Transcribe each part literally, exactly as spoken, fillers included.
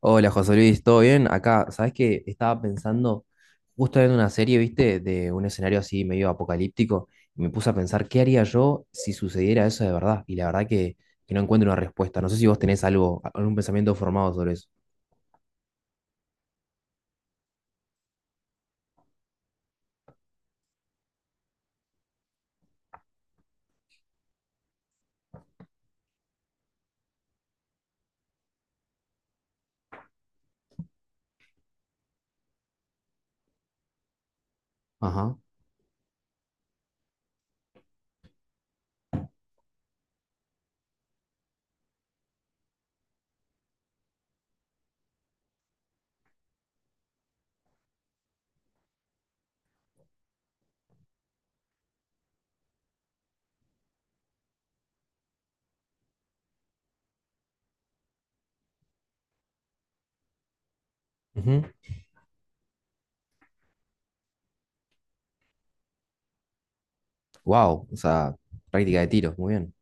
Hola José Luis, ¿todo bien? Acá, ¿sabes qué? Estaba pensando, justo viendo una serie, ¿viste? De un escenario así medio apocalíptico, y me puse a pensar, ¿qué haría yo si sucediera eso de verdad? Y la verdad que, que no encuentro una respuesta. No sé si vos tenés algo, algún pensamiento formado sobre eso. Ajá. Wow, o sea, práctica de tiros, muy bien.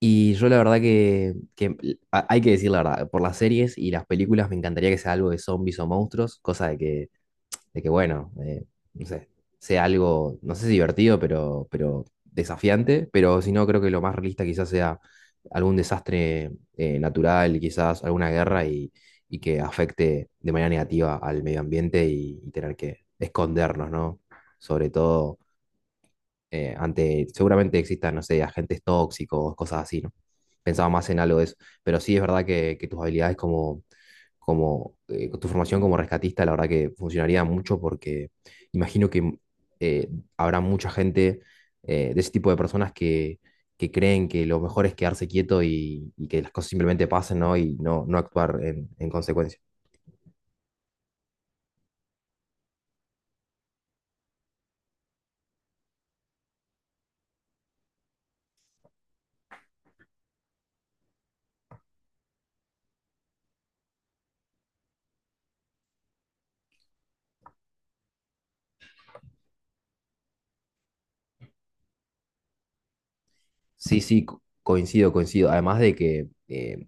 Y yo la verdad que, que l- a- hay que decir la verdad, por las series y las películas me encantaría que sea algo de zombies o monstruos, cosa de que de que bueno, eh, no sé, sea algo, no sé si divertido, pero, pero desafiante, pero si no, creo que lo más realista quizás sea algún desastre eh, natural, quizás alguna guerra y, y que afecte de manera negativa al medio ambiente y, y tener que escondernos, ¿no? Sobre todo eh, ante, seguramente existan, no sé, agentes tóxicos, cosas así, ¿no? Pensaba más en algo de eso, pero sí es verdad que, que tus habilidades como, como eh, tu formación como rescatista, la verdad que funcionaría mucho porque imagino que eh, habrá mucha gente eh, de ese tipo de personas que, que creen que lo mejor es quedarse quieto y, y que las cosas simplemente pasen, ¿no? Y no, no actuar en, en consecuencia. Sí, sí, co- coincido, coincido. Además de que eh,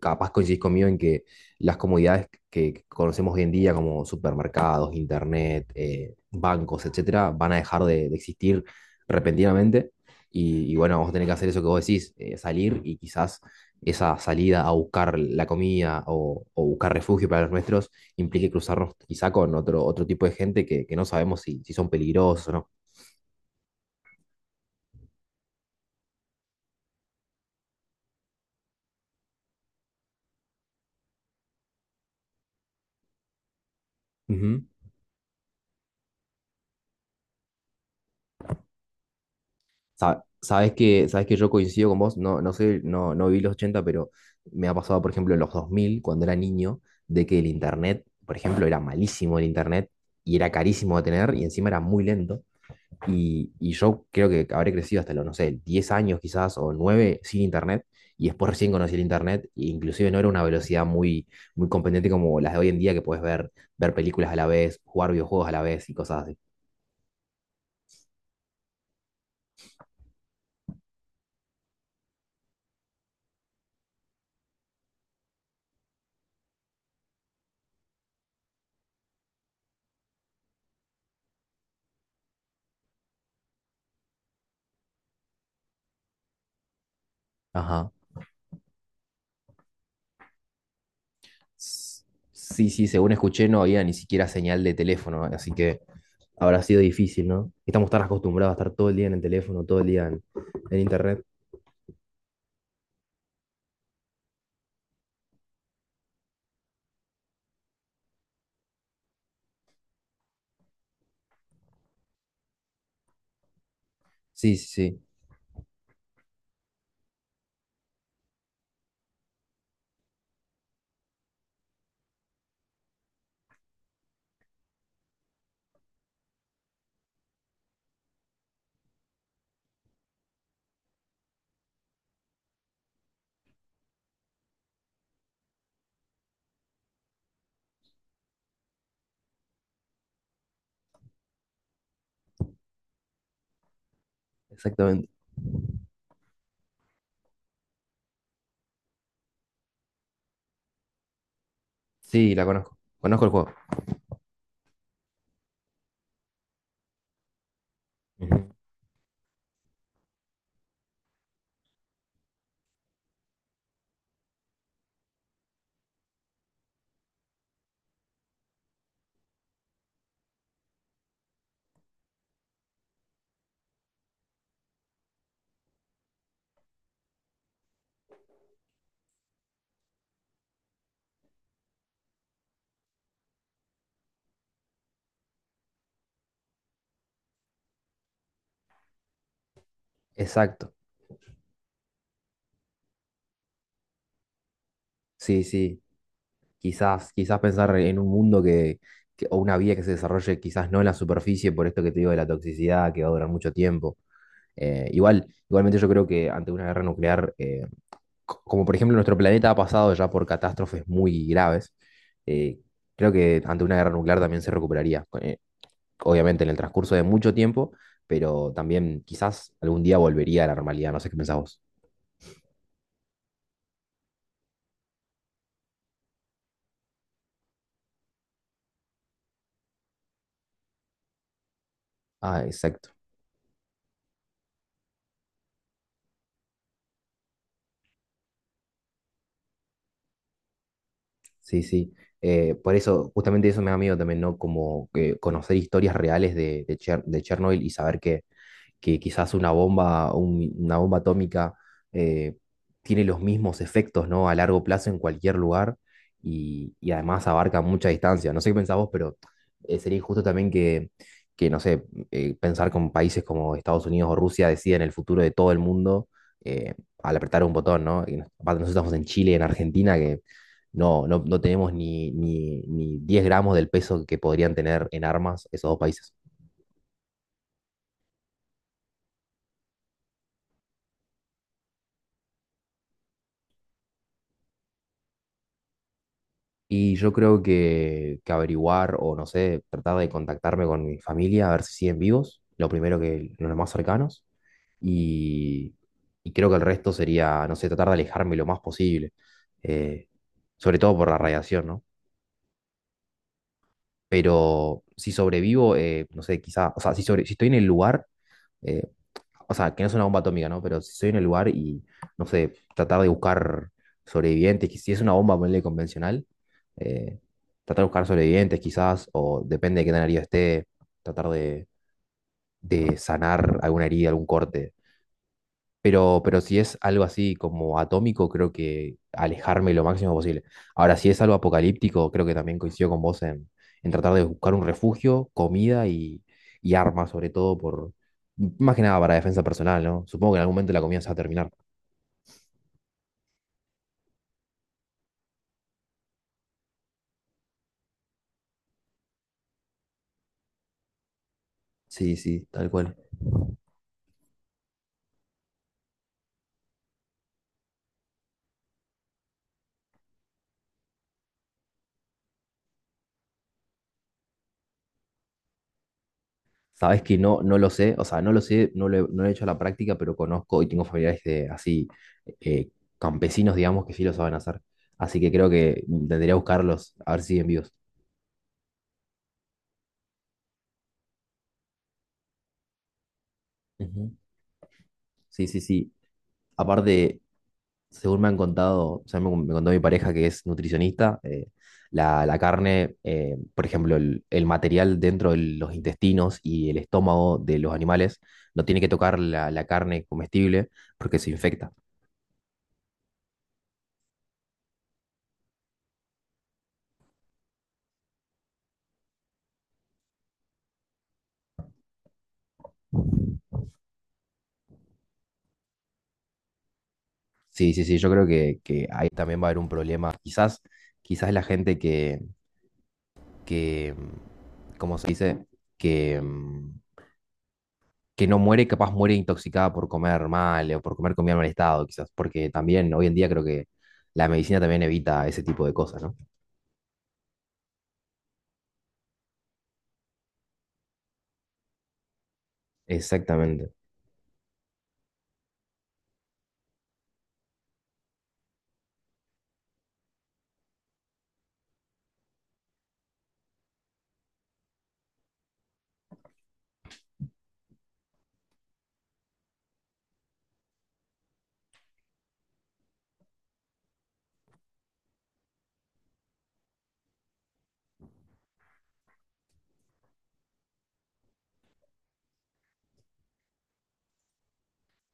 capaz coincidís conmigo en que las comodidades que conocemos hoy en día, como supermercados, internet, eh, bancos, etcétera, van a dejar de, de existir repentinamente. Y, y, bueno, vamos a tener que hacer eso que vos decís, eh, salir y quizás esa salida a buscar la comida o, o, buscar refugio para los nuestros implique cruzarnos quizá con otro, otro tipo de gente que, que no sabemos si, si son peligrosos o no. Ujú. Sa- Sabes que, sabes que yo coincido con vos, no, no sé, no, no viví los ochenta pero me ha pasado, por ejemplo, en los dos mil cuando era niño, de que el internet, por ejemplo, era malísimo el internet y era carísimo de tener y encima era muy lento. Y, y yo creo que habré crecido hasta los, no sé, diez años quizás o nueve sin internet y después recién conocí el internet e inclusive no era una velocidad muy, muy competente como las de hoy en día que puedes ver, ver películas a la vez, jugar videojuegos a la vez y cosas así. Ajá. S- Sí, sí, según escuché no había ni siquiera señal de teléfono, así que habrá sido difícil, ¿no? Estamos tan acostumbrados a estar todo el día en el teléfono, todo el día en, en internet. Sí, sí, sí, exactamente. Sí, la conozco. Conozco el juego. Ujú. Exacto. Sí, sí. Quizás, quizás pensar en un mundo que, que- o una vía que se desarrolle quizás no en la superficie, por esto que te digo de la toxicidad, que va a durar mucho tiempo. Eh, igual, igualmente yo creo que ante una guerra nuclear, eh, co- como por ejemplo nuestro planeta ha pasado ya por catástrofes muy graves, eh, creo que ante una guerra nuclear también se recuperaría. Eh, obviamente en el transcurso de mucho tiempo, pero también quizás algún día volvería a la normalidad, no sé qué pensás vos. Ah, exacto. Sí, sí. Eh, por eso, justamente eso me da miedo también, ¿no? Como que conocer historias reales de, de Cher- de Chernobyl y saber que que quizás una bomba, un- una bomba atómica eh, tiene los mismos efectos, ¿no? A largo plazo en cualquier lugar y, y además abarca mucha distancia. No sé qué pensás vos, pero eh, sería injusto también que, que, no sé, eh, pensar con países como Estados Unidos o Rusia deciden el futuro de todo el mundo eh, al apretar un botón, ¿no? Y nos- aparte nosotros estamos en Chile, en Argentina, que no, no, no tenemos ni, ni, ni diez gramos del peso que podrían tener en armas esos dos países. Y yo creo que, que averiguar o no sé, tratar de contactarme con mi familia a ver si siguen vivos, lo primero que los más cercanos. Y, y creo que el resto sería, no sé, tratar de alejarme lo más posible, eh, sobre todo por la radiación, ¿no? Pero si sobrevivo, eh, no sé, quizá, o sea, si, sobre- si estoy en el lugar, eh, o sea, que no es una bomba atómica, ¿no? Pero si estoy en el lugar y, no sé, tratar de buscar sobrevivientes, que si es una bomba, ponele convencional, eh, tratar de buscar sobrevivientes quizás, o depende de qué tan herido esté, tratar de, de sanar alguna herida, algún corte. Pero, pero si es algo así como atómico, creo que alejarme lo máximo posible. Ahora, si es algo apocalíptico, creo que también coincido con vos en, en, tratar de buscar un refugio, comida y, y armas, sobre todo por, más que nada para defensa personal, ¿no? Supongo que en algún momento la comida se va a terminar. Sí, sí, tal cual. Sabes que no, no lo sé, o sea, no lo sé, no lo, he no lo he hecho a la práctica, pero conozco y tengo familiares de, así, eh, campesinos, digamos, que sí lo saben hacer. Así que creo que intentaría buscarlos, a ver si siguen vivos. Ujú. Sí, sí, sí. Aparte, según me han contado, o sea, me, me contó mi pareja que es nutricionista, eh, la, la carne, eh, por ejemplo, el, el material dentro de los intestinos y el estómago de los animales no tiene que tocar la, la carne comestible porque se infecta. Sí, sí, sí, yo creo que, que ahí también va a haber un problema. Quizás, quizás la gente que, que, mm, ¿cómo se dice? Que, mm, que no muere, capaz muere intoxicada por comer mal o por comer comida en mal estado, quizás, porque también hoy en día creo que la medicina también evita ese tipo de cosas, ¿no? Exactamente,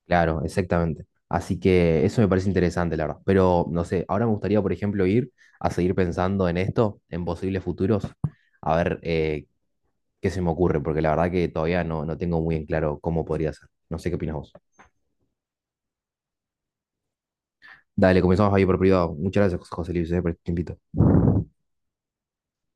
claro, exactamente. Así que eso me parece interesante, la verdad. Pero no sé, ahora me gustaría, por ejemplo, ir a seguir pensando en esto, en posibles futuros, a ver eh, qué se me ocurre, porque la verdad que todavía no, no tengo muy en claro cómo podría ser. No sé qué opinas vos. Dale, comenzamos ahí por privado. Muchas gracias, José Luis, eh, por este tiempito.